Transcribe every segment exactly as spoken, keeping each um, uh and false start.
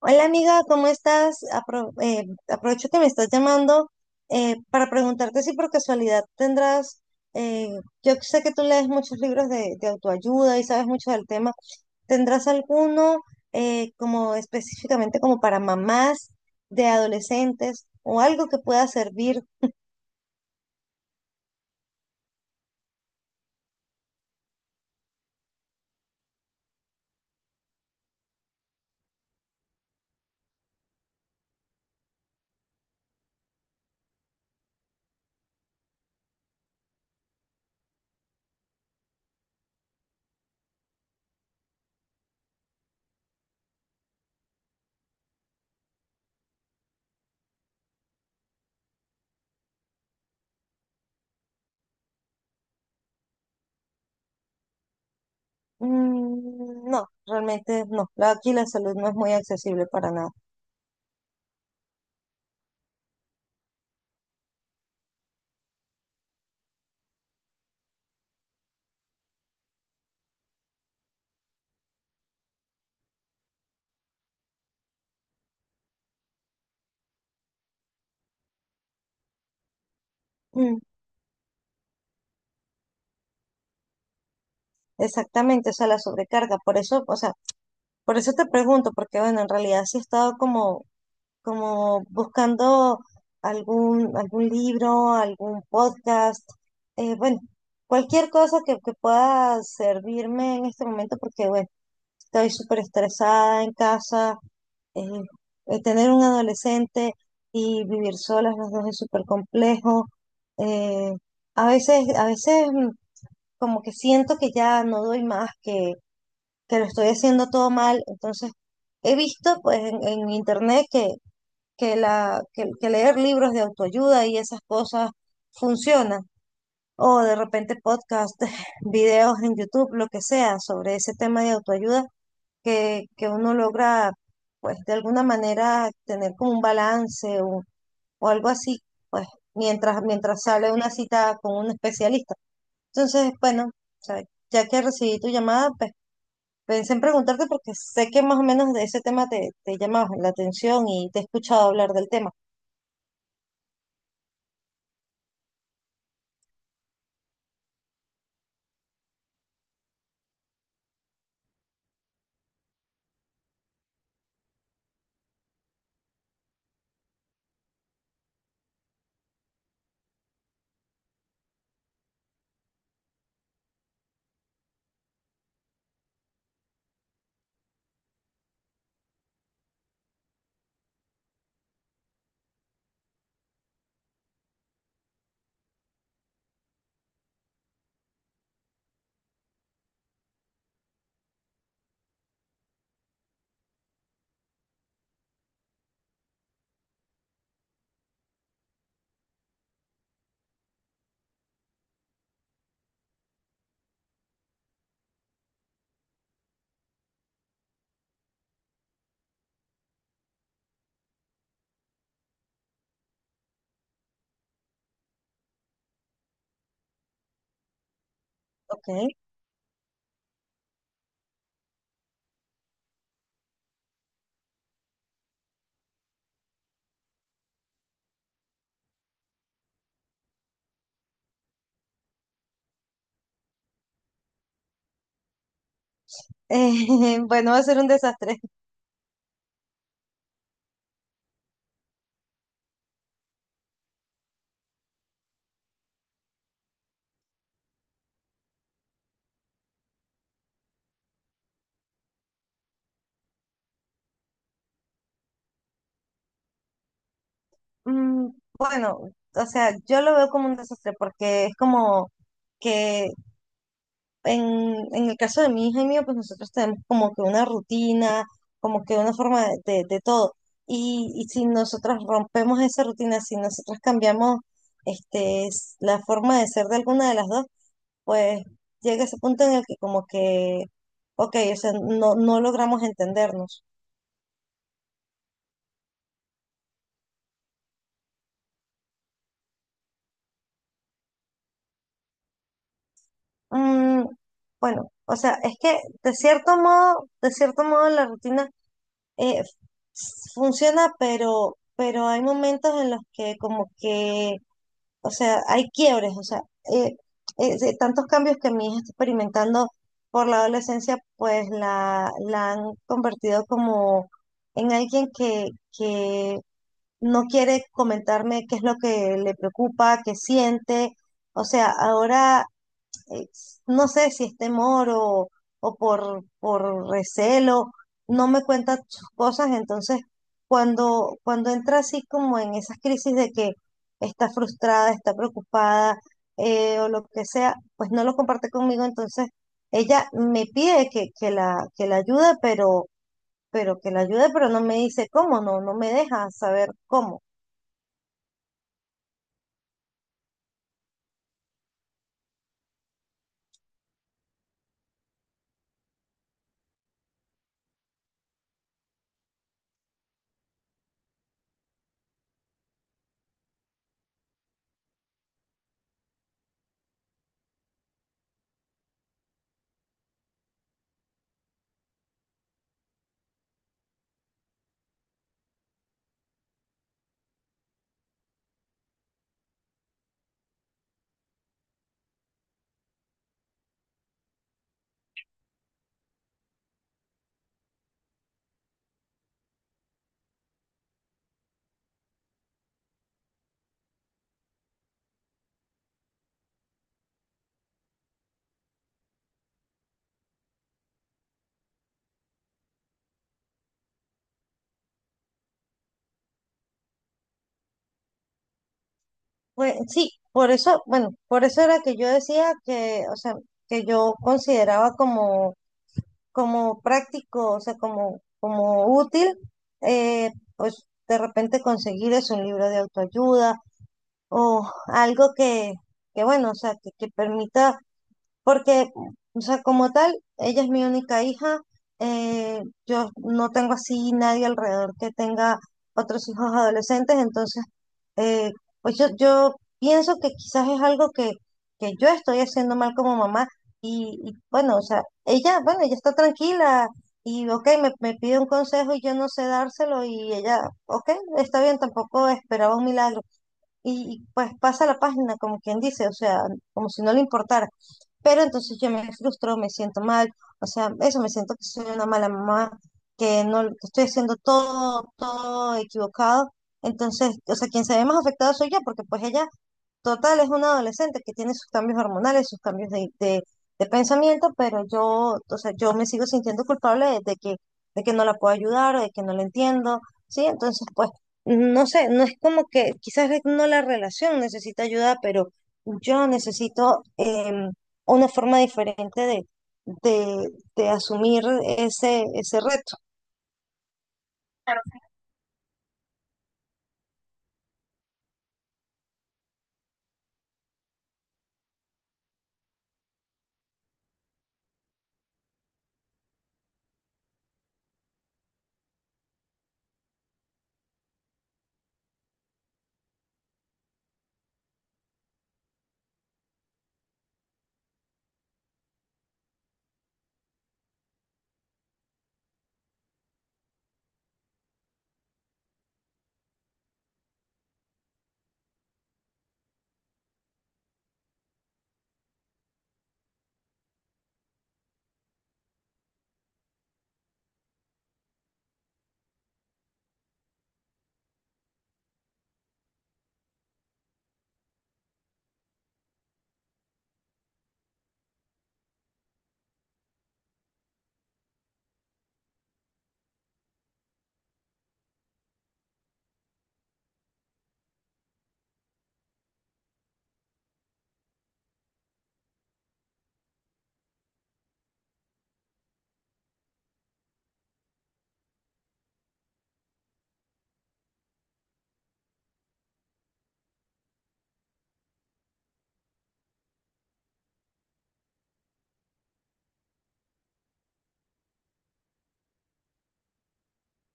Hola amiga, ¿cómo estás? Apro- eh, aprovecho que me estás llamando eh, para preguntarte si por casualidad tendrás, eh, yo sé que tú lees muchos libros de, de autoayuda y sabes mucho del tema, ¿tendrás alguno eh, como específicamente como para mamás de adolescentes o algo que pueda servir? Mm, no, realmente no. La- Aquí la salud no es muy accesible para nada. Mm, exactamente, o sea, la sobrecarga. Por eso, o sea, por eso te pregunto, porque bueno, en realidad sí he estado como, como buscando algún, algún libro, algún podcast, eh, bueno, cualquier cosa que, que pueda servirme en este momento, porque bueno, estoy súper estresada en casa, eh, eh, tener un adolescente y vivir solas los dos es súper complejo. eh, a veces, a veces mm, como que siento que ya no doy más, que que lo estoy haciendo todo mal. Entonces, he visto pues en, en internet que, que, la, que, que leer libros de autoayuda y esas cosas funcionan. O de repente podcast, videos en YouTube, lo que sea, sobre ese tema de autoayuda, que, que uno logra, pues de alguna manera, tener como un balance o, o algo así, pues mientras, mientras sale una cita con un especialista. Entonces, bueno, o sea, ya que recibí tu llamada, pues pensé en preguntarte porque sé que más o menos de ese tema te, te llama la atención y te he escuchado hablar del tema. Ok. Eh, bueno, va a ser un desastre. Mm, bueno, o sea, yo lo veo como un desastre porque es como que en, en el caso de mi hija y mío, pues nosotros tenemos como que una rutina, como que una forma de, de- de todo. Y, y si nosotros rompemos esa rutina, si nosotros cambiamos este, s- la forma de ser de alguna de las dos, pues llega ese punto en el que como que, ok, o sea, no, no logramos entendernos. Mm, bueno, o sea, es que de cierto modo, de cierto modo la rutina eh, f- funciona, pero, pero hay momentos en los que como que, o sea, hay quiebres, o sea, eh, eh, de tantos cambios que mi hija está experimentando por la adolescencia, pues la, la han convertido como en alguien que, que no quiere comentarme qué es lo que le preocupa, qué siente. O sea, ahora eh, no sé si es temor o, o por, por recelo, no me cuenta sus cosas. Entonces, cuando, cuando entra así como en esas crisis de que está frustrada, está preocupada eh, o lo que sea, pues no lo comparte conmigo. Entonces, ella me pide que, que la, que la ayude, pero, pero que la ayude, pero no me dice cómo, no, no me deja saber cómo. Pues sí, por eso, bueno, por eso era que yo decía que, o sea, que yo consideraba como, como práctico, o sea, como, como útil, eh, pues de repente conseguir es un libro de autoayuda o algo que, que bueno, o sea, que, que permita porque, o sea, como tal, ella es mi única hija. Eh, yo no tengo así nadie alrededor que tenga otros hijos adolescentes. Entonces, eh, pues yo, yo pienso que quizás es algo que, que yo estoy haciendo mal como mamá. Y, y bueno, o sea, ella, bueno, ella está tranquila. Y, ok, me, me pide un consejo y yo no sé dárselo. Y ella, ok, está bien, tampoco esperaba un milagro y pues pasa la página, como quien dice, o sea, como si no le importara. Pero entonces yo me frustro, me siento mal, o sea, eso me siento que soy una mala mamá, que no que estoy haciendo todo, todo equivocado. Entonces, o sea, quien se ve más afectado soy yo, porque pues ella total, es un adolescente que tiene sus cambios hormonales, sus cambios de, de- de pensamiento, pero yo, o sea, yo me sigo sintiendo culpable de, de que, de que no la puedo ayudar, de que no la entiendo, ¿sí? Entonces, pues, no sé, no es como que quizás es no la relación necesita ayuda, pero yo necesito em, una forma diferente de, de, de asumir ese, ese reto.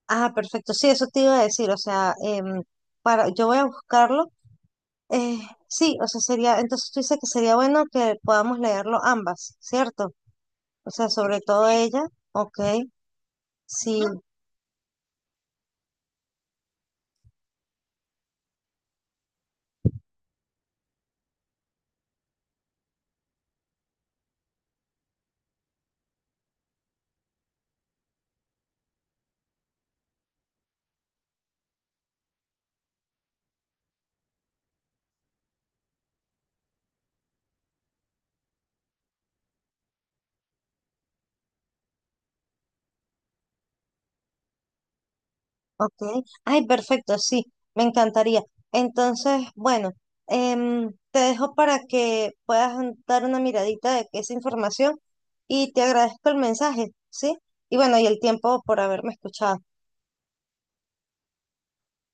Ah, perfecto, sí, eso te iba a decir, o sea, em, para, yo voy a buscarlo. Eh, sí, o sea, sería, entonces tú dices que sería bueno que podamos leerlo ambas, ¿cierto? O sea, sobre todo ella, ok, sí, ok. Ay, perfecto, sí, me encantaría. Entonces, bueno, em, te dejo para que puedas dar una miradita de esa información y te agradezco el mensaje, ¿sí? Y bueno, y el tiempo por haberme escuchado.